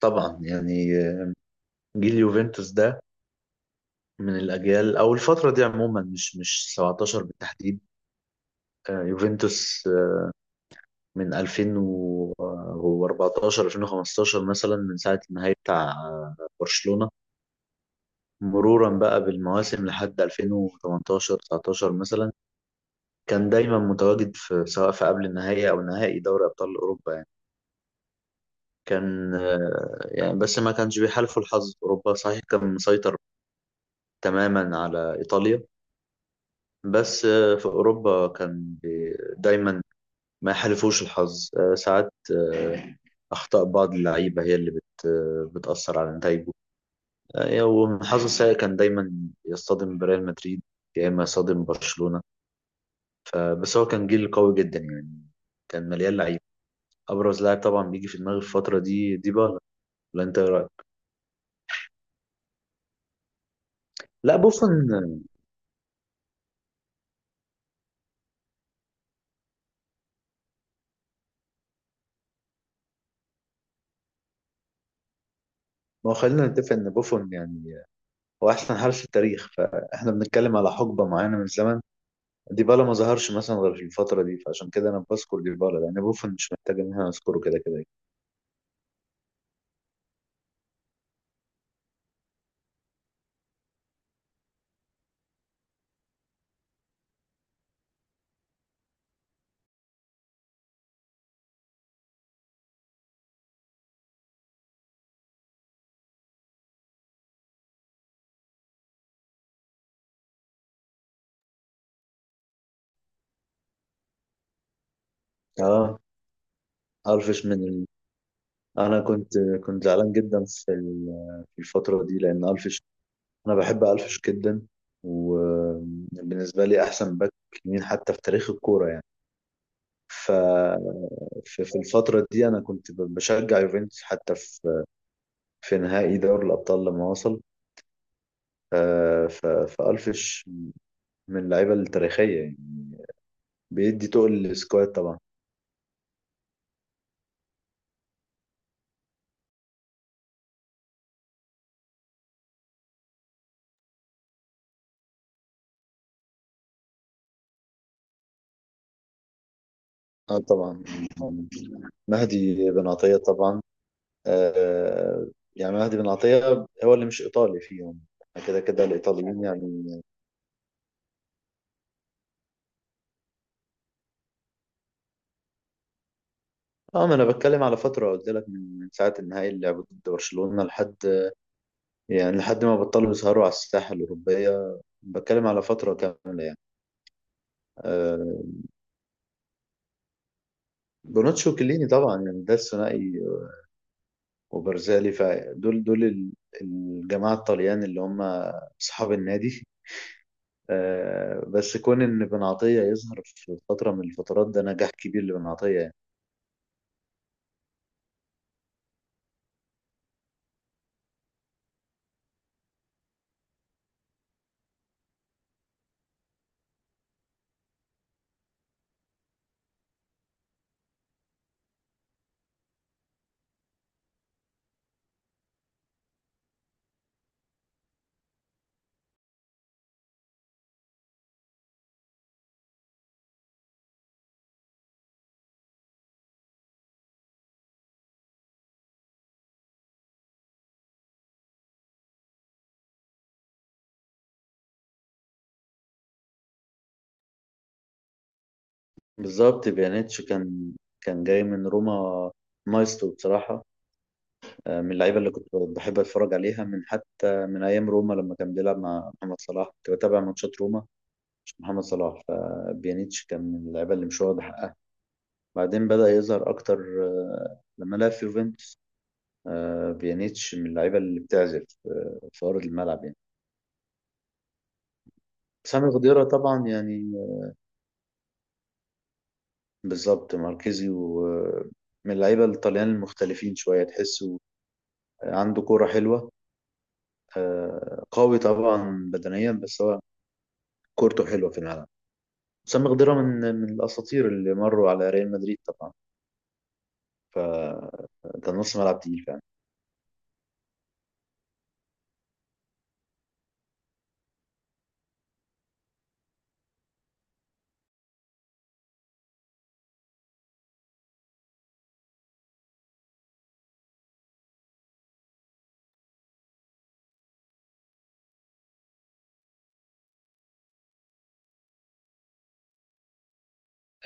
طبعا يعني، جيل يوفنتوس ده من الاجيال او الفتره دي عموما، مش 17 بالتحديد. يوفنتوس، من 2014 2015 مثلا، من ساعه النهائي بتاع برشلونه، مرورا بقى بالمواسم لحد 2018 19 مثلا. كان دايما متواجد في، سواء في قبل النهائي او نهائي دوري ابطال اوروبا يعني. كان يعني، بس ما كانش بيحالفه الحظ في اوروبا، صحيح كان مسيطر تماما على ايطاليا. بس في أوروبا كان دايما ما يحالفوش الحظ. ساعات أخطاء بعض اللعيبة هي اللي بت آه، بتأثر على نتايجه. وحظه السيء كان دايما يصطدم بريال مدريد يا إما يصطدم برشلونة. بس هو كان جيل قوي جدا يعني، كان مليان لعيبة. أبرز لاعب طبعا بيجي في دماغي في الفترة دي ديبالا. ولا أنت إيه رأيك؟ لا، بوفون. ما هو خلينا نتفق إن بوفون يعني هو أحسن حارس في التاريخ، فإحنا بنتكلم على حقبة معينة من الزمن. ديبالا ما ظهرش مثلا غير في الفترة دي، فعشان كده أنا بذكر ديبالا، لأن بوفون مش محتاج إن أنا أذكره كده كده. اه، ألفيش أنا كنت زعلان جدا في الفترة دي لأن ألفيش. أنا بحب ألفيش جدا، وبالنسبة لي أحسن باك يمين حتى في تاريخ الكورة يعني. ف في الفترة دي أنا كنت بشجع يوفنتوس، حتى في في نهائي دوري الأبطال لما وصل. فألفيش من اللعيبة التاريخية يعني، بيدي تقل للسكواد طبعا. اه طبعا، مهدي بن عطية طبعا. آه يعني مهدي بن عطية هو اللي مش إيطالي فيهم، كده كده الإيطاليين يعني. اه، ما أنا بتكلم على فترة، قلت لك من ساعة النهائي اللي لعبوه ضد برشلونة لحد، يعني لحد ما بطلوا يسهروا على الساحة الأوروبية. بتكلم على فترة كاملة يعني. آه بونوتشي وكليني طبعا يعني، ده الثنائي وبرزالي، فدول الجماعة الطليان اللي هم أصحاب النادي. بس كون ان بن عطية يظهر في فترة من الفترات ده نجاح كبير لبن عطية يعني. بالظبط بيانيتش كان جاي من روما، مايسترو بصراحة. من اللعيبة اللي كنت بحب أتفرج عليها، من حتى من أيام روما لما كان بيلعب مع محمد صلاح، كنت بتابع ماتشات روما عشان محمد صلاح. فبيانيتش كان من اللعيبة اللي مش واخد حقها، بعدين بدأ يظهر أكتر لما لعب في يوفنتوس. بيانيتش من اللعيبة اللي بتعزف في أرض الملعب يعني. سامي خضيرة طبعا يعني. بالظبط ماركيزي ومن اللعيبة الطليان المختلفين شوية، تحسه عنده كورة حلوة. قوي طبعا بدنيا، بس هو كورته حلوة في الملعب. وسام خضيرة من الأساطير اللي مروا على ريال مدريد طبعا، فكان نص ملعب تقيل فعلا.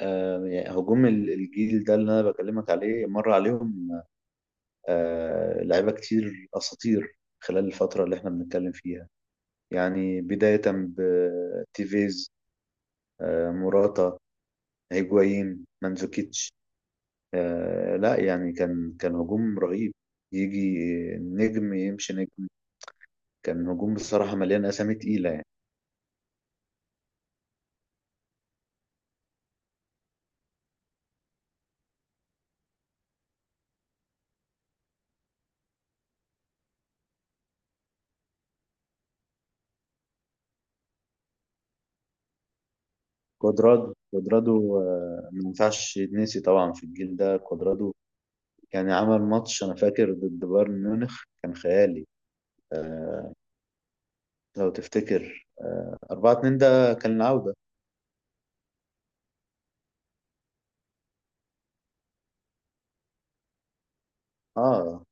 يعني هجوم الجيل ده اللي أنا بكلمك عليه، مر عليهم لعيبة كتير أساطير خلال الفترة اللي احنا بنتكلم فيها يعني. بداية بتيفيز، موراتا، هيجوايين، مانزوكيتش. لا يعني، كان هجوم رهيب. يجي نجم يمشي نجم، كان هجوم بصراحة مليان أسامي تقيلة يعني. كوادرادو، ما ينفعش يتنسي طبعا في الجيل ده. كوادرادو يعني عمل ماتش، أنا فاكر ضد بايرن ميونخ، كان خيالي. آه لو تفتكر، 4-2، ده كان العودة. اه،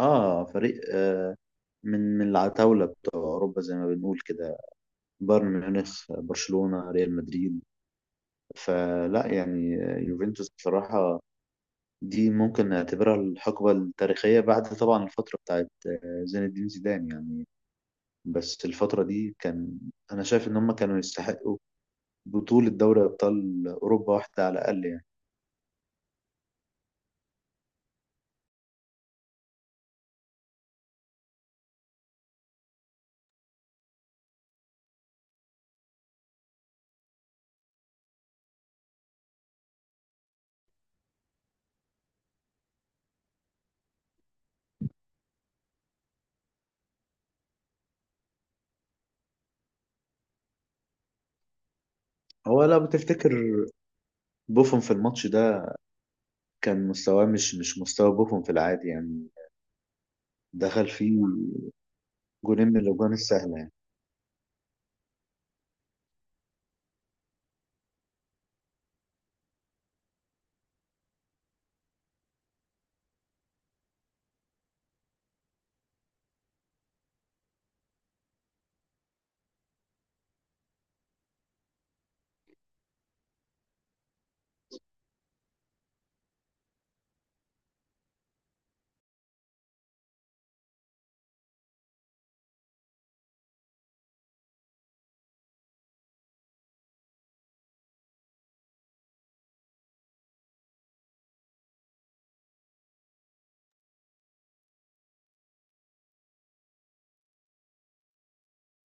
اه، فريق من العتاولة بتوع أوروبا زي ما بنقول كده، بايرن ميونخ، برشلونة، ريال مدريد. فلا يعني، يوفنتوس بصراحة، دي ممكن نعتبرها الحقبة التاريخية بعد طبعا الفترة بتاعت زين الدين زيدان يعني. بس الفترة دي كان، أنا شايف إن هم كانوا يستحقوا بطولة دوري أبطال أوروبا واحدة على الأقل يعني. هو لو بتفتكر، بوفون في الماتش ده كان مستواه مش مستوى بوفون في العادي يعني، دخل فيه جولين من الأجوان السهلة يعني.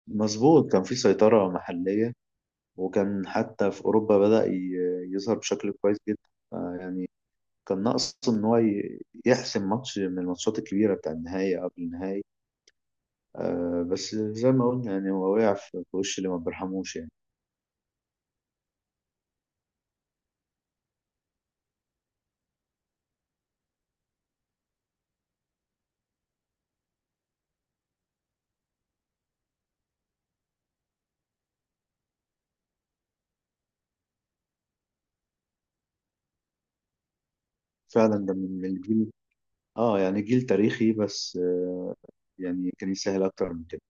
مظبوط، كان في سيطرة محلية، وكان حتى في أوروبا بدأ يظهر بشكل كويس جدا. يعني كان ناقص إن هو يحسم ماتش من الماتشات الكبيرة، بتاع النهائي قبل النهائي. بس زي ما قلنا يعني، هو وقع في وش اللي ما بيرحموش يعني. فعلا، ده من الجيل. اه يعني جيل تاريخي، بس يعني كان يسهل أكتر من كده.